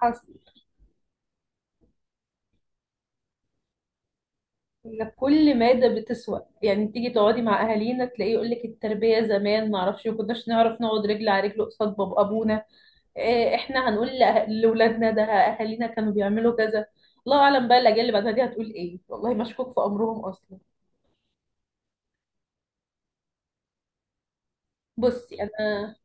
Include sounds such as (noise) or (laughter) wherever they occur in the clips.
حصل. ان كل مادة بتسوى، يعني تيجي تقعدي مع اهالينا تلاقيه يقول لك التربية زمان ما اعرفش، ما كناش نعرف نقعد رجل على رجل قصاد باب ابونا. إيه، احنا هنقول لاولادنا ده اهالينا كانوا بيعملوا كذا؟ الله اعلم بقى الاجيال اللي بعدها دي هتقول ايه، والله مشكوك في امرهم اصلا. بصي انا،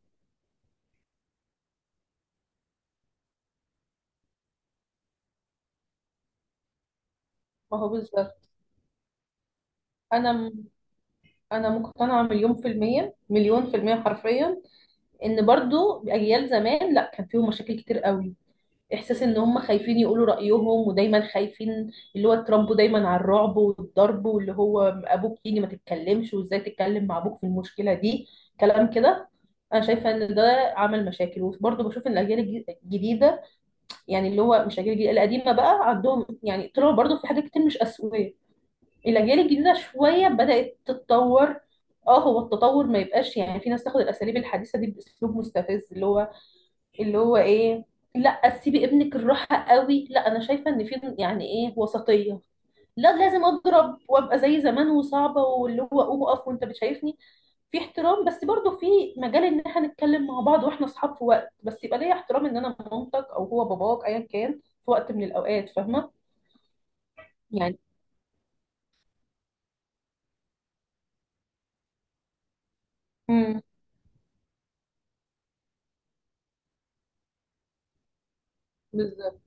ما هو بالظبط. انا م- انا مقتنعة مليون في المية، مليون في المية حرفيا، ان برضو اجيال زمان لا كان فيهم مشاكل كتير قوي. احساس ان هم خايفين يقولوا رايهم، ودايما خايفين. اللي هو اتربوا دايما على الرعب والضرب، واللي هو ابوك يجي ما تتكلمش، وازاي تتكلم مع ابوك في المشكله دي. كلام كده. انا شايفه ان ده عمل مشاكل، وبرضه بشوف ان الجديده، يعني اللي هو مش الاجيال الجديده، القديمه بقى عندهم يعني طلعوا برضه في حاجات كتير مش اسويه. الاجيال الجديده شويه بدات تتطور. اه، هو التطور ما يبقاش يعني في ناس تاخد الاساليب الحديثه دي باسلوب مستفز، اللي هو اللي هو ايه؟ لا سيبي ابنك الراحه قوي، لا، انا شايفه ان في يعني ايه، وسطيه. لا لازم اضرب وابقى زي زمان وصعبه، واللي هو قوم اقف وانت بتشايفني. في احترام، بس برضو في مجال ان احنا نتكلم مع بعض واحنا اصحاب في وقت، بس يبقى ليا احترام ان انا مامتك او هو باباك ايا كان في وقت من الاوقات، فاهمه؟ يعني امم بالظبط.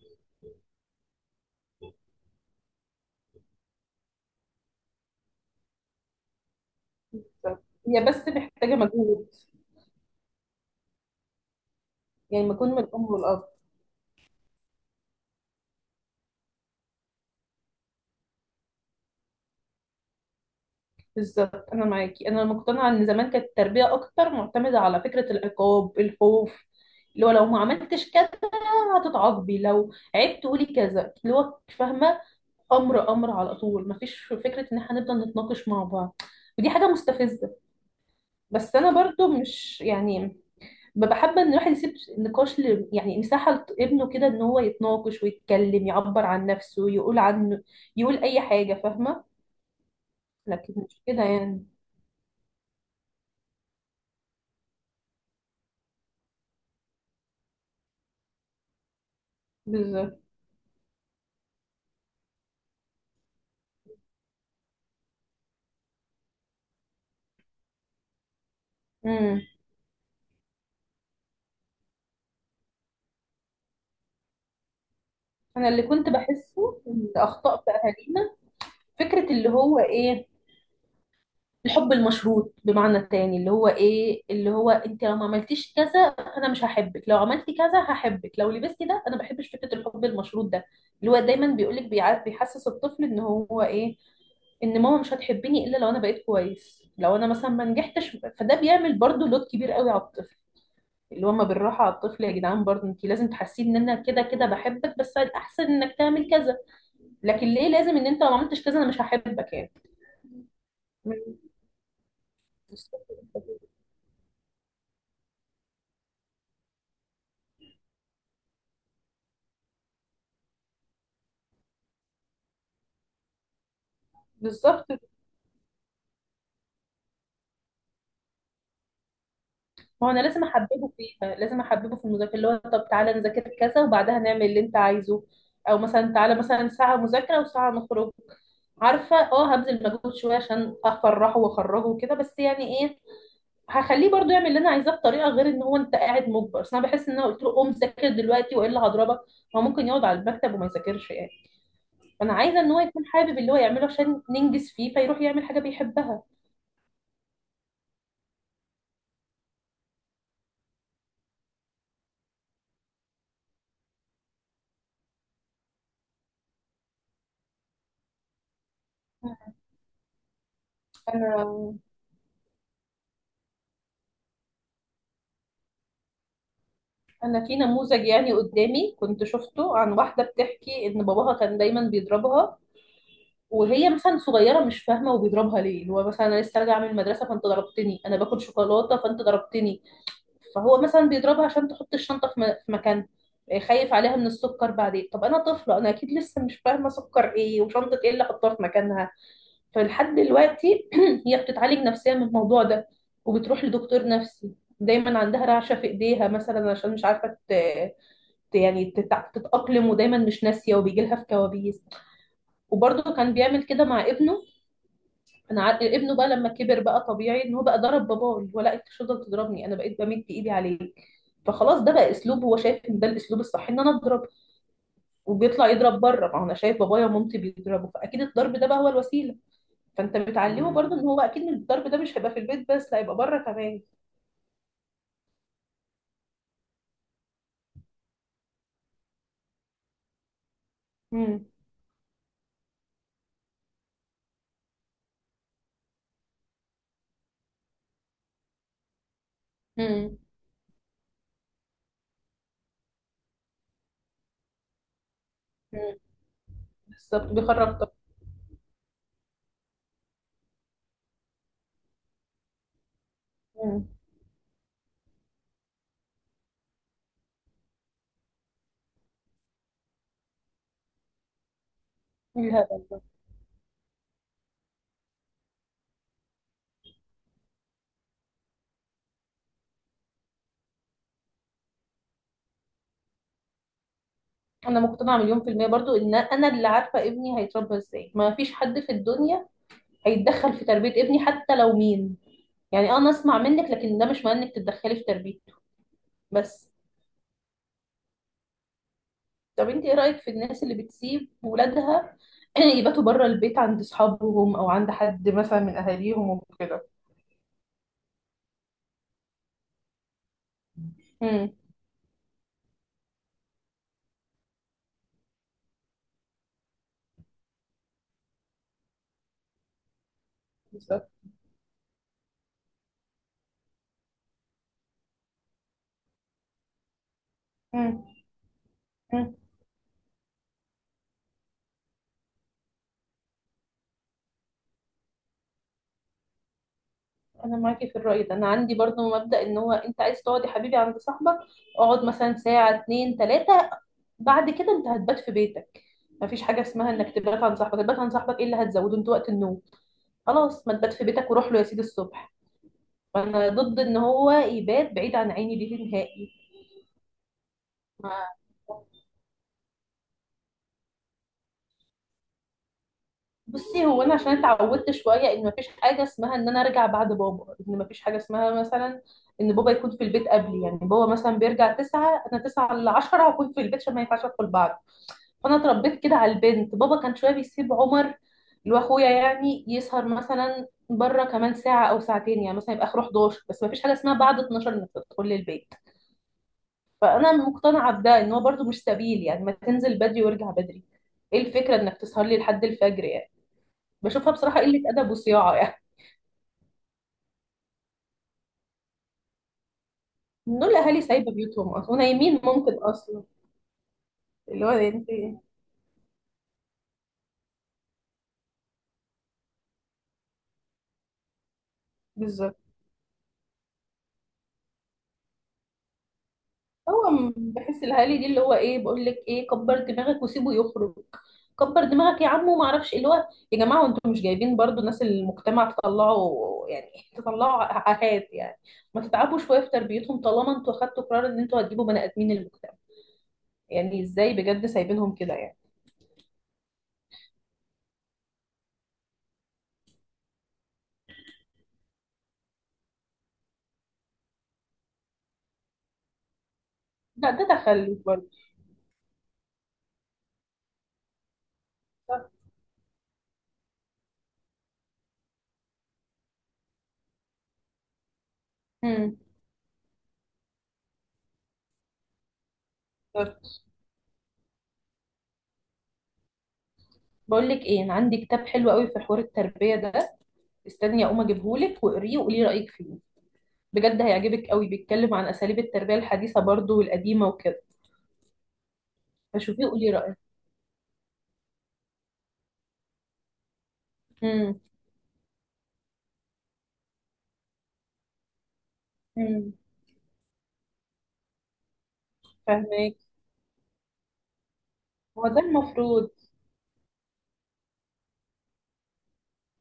بالظبط. هي بس محتاجه مجهود، يعني مجهود من الام والاب. بالظبط، انا معاكي. انا مقتنعه ان زمان كانت التربيه اكتر معتمده على فكره العقاب، الخوف، اللي هو لو ما عملتش كذا هتتعاقبي، لو عيبت قولي كذا، اللي هو فاهمه. امر، امر على طول، مفيش فكره ان احنا نفضل نتناقش مع بعض. ودي حاجه مستفزه. بس انا برضو مش يعني ببقى حابه ان الواحد يسيب نقاش ل... يعني مساحه لابنه كده ان هو يتناقش ويتكلم، يعبر عن نفسه، يقول عنه، يقول اي حاجه فاهمه. لكن مش كده يعني. بالظبط. إمم. انا اللي كنت بحسه ان اخطاء في اهالينا، فكره اللي هو ايه، الحب المشروط، بمعنى تاني اللي هو ايه، اللي هو انت لو ما عملتيش كذا فانا مش هحبك، لو عملتي كذا هحبك، لو لبستي ده. انا ما بحبش فكره الحب المشروط ده، اللي هو دايما بيقولك بيحسس الطفل ان هو ايه، ان ماما مش هتحبني الا لو انا بقيت كويس، لو انا مثلا ما نجحتش، فده بيعمل برضو لود كبير قوي على الطفل. اللي هو ما بالراحه على الطفل يا جدعان، برضو انت لازم تحسيه ان انا كده كده بحبك، بس الاحسن انك تعمل كذا. لكن ليه لازم ان انت لو ما عملتش كذا انا مش هحبك يعني؟ مم. بالظبط. هو انا لازم احببه فيها، لازم احببه في المذاكره، اللي هو طب تعالى نذاكر كذا وبعدها نعمل اللي انت عايزه، او مثلا تعالى مثلا ساعه مذاكره وساعه نخرج. عارفه، اه هبذل مجهود شويه عشان افرحه واخرجه وكده، بس يعني ايه، هخليه برضو يعمل اللي انا عايزاه بطريقه غير ان هو انت قاعد مجبر. بس انا بحس ان انا قلت له قوم ذاكر دلوقتي والا هضربك، هو ممكن يقعد على المكتب وما يذاكرش يعني. انا عايزه ان هو يكون حابب اللي هو يعمله عشان ننجز فيه، فيروح يعمل حاجه بيحبها. انا انا في نموذج يعني قدامي كنت شفته عن واحده بتحكي ان باباها كان دايما بيضربها، وهي مثلا صغيره مش فاهمه، وبيضربها ليه؟ اللي هو مثلا انا لسه راجعه من المدرسه فانت ضربتني، انا باكل شوكولاته فانت ضربتني. فهو مثلا بيضربها عشان تحط الشنطه في مكان. آه، خايف عليها من السكر. بعدين طب انا طفله، انا اكيد لسه مش فاهمه سكر ايه وشنطه ايه اللي احطها في مكانها. فلحد دلوقتي (clears throat) هي بتتعالج نفسيا من الموضوع ده، وبتروح لدكتور نفسي. دايما عندها رعشة في ايديها مثلا، عشان مش عارفة ت... ت- يعني تتع- تتأقلم، ودايما مش ناسية، وبيجي لها في كوابيس. وبرضه كان بيعمل كده مع ابنه. ابنه بقى لما كبر بقى طبيعي ان هو بقى ضرب باباه، اللي هو لا انت مش هتفضل تضربني، انا بقيت بمد ايدي عليك. فخلاص ده بقى اسلوب، هو شايف ان ده الاسلوب الصح ان انا اضرب. وبيطلع يضرب بره، ما هو انا شايف بابايا ومامتي بيضربوا، فاكيد الضرب ده بقى هو الوسيلة. فانت بتعلمه برضو ان هو اكيد الضرب ده مش هيبقى في البيت بس، لا هيبقى بره كمان. امم. مم. مم. بالظبط، بيخرب طاقته. مم. الهبل. انا مقتنعه مليون في الميه برضو ان انا اللي عارفه ابني هيتربى ازاي، ما فيش حد في الدنيا هيتدخل في تربيه ابني حتى لو مين، يعني آه، انا اسمع منك لكن ده مش معناه انك تتدخلي في تربيته. بس طب انت ايه رايك في الناس اللي بتسيب ولادها (clears throat) يباتوا بره البيت عند اصحابهم او عند حد مثلا من اهاليهم وكده؟ امم. بالظبط. مم. مم. انا معاكي في الرأي ده، انا عندي برضو مبدأ ان هو انت عايز تقعد يا حبيبي عند صاحبك، اقعد مثلا ساعة، اتنين، تلاتة، بعد كده انت هتبات في بيتك. مفيش حاجة اسمها انك تبات عند صاحبك. تبات عند صاحبك ايه اللي هتزوده انت وقت النوم؟ خلاص، ما تبات في بيتك وروح له يا سيدي الصبح. فانا ضد ان هو يبات بعيد عن عيني دي نهائي. ما بصي، هو انا عشان اتعودت شويه ان مفيش حاجه اسمها ان انا ارجع بعد بابا، ان مفيش حاجه اسمها مثلا ان بابا يكون في البيت قبلي، يعني بابا مثلا بيرجع 9، انا تسعة ل 10 هكون في البيت، عشان ما ينفعش ادخل بعض. فانا اتربيت كده على البنت، بابا كان شويه بيسيب عمر اللي هو اخويا يعني يسهر مثلا بره كمان ساعه او ساعتين، يعني مثلا يبقى اخره 11، بس مفيش حاجه اسمها بعد 12 انك تدخل البيت. فانا مقتنعه بده، ان هو برده مش سبيل يعني، ما تنزل بدري وارجع بدري. ايه الفكره انك تسهر لي لحد الفجر يعني؟ بشوفها بصراحة قلة أدب وصياعة يعني. دول أهالي سايبة بيوتهم أصلا ونايمين ممكن أصلا. اللي هو أنت، بالظبط. بحس الأهالي دي اللي هو إيه، بقول لك إيه، كبر دماغك وسيبه يخرج، كبر دماغك يا عم وما أعرفش إيه. اللي هو يا جماعة، وأنتوا مش جايبين برضو ناس المجتمع، تطلعوا يعني (laughs) تطلعوا عاهات يعني. ما تتعبوا شوية في تربيتهم طالما أنتوا أخدتوا قرار إن أنتوا هتجيبوا بني آدمين المجتمع. يعني إزاي بجد سايبينهم كده يعني؟ لا ده تخلف برضه. مم. بقول لك ايه، انا عندي كتاب حلو قوي في حوار التربيه ده. استني اقوم اجيبهولك واقريه وقولي رايك فيه. بجد هيعجبك قوي، بيتكلم عن اساليب التربيه الحديثه برضو والقديمه وكده. فشوفيه وقولي رايك. امم. امم. فاهمك. هو ده المفروض.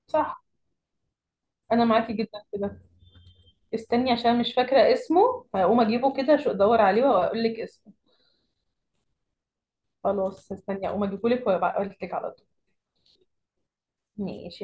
صح، انا معاكي جدا في ده. استني عشان مش فاكره اسمه، هقوم اجيبه كده، شو ادور عليه واقول لك اسمه. خلاص، استني اقوم اجيبهولك وابقى اقول لك على طول. ماشي.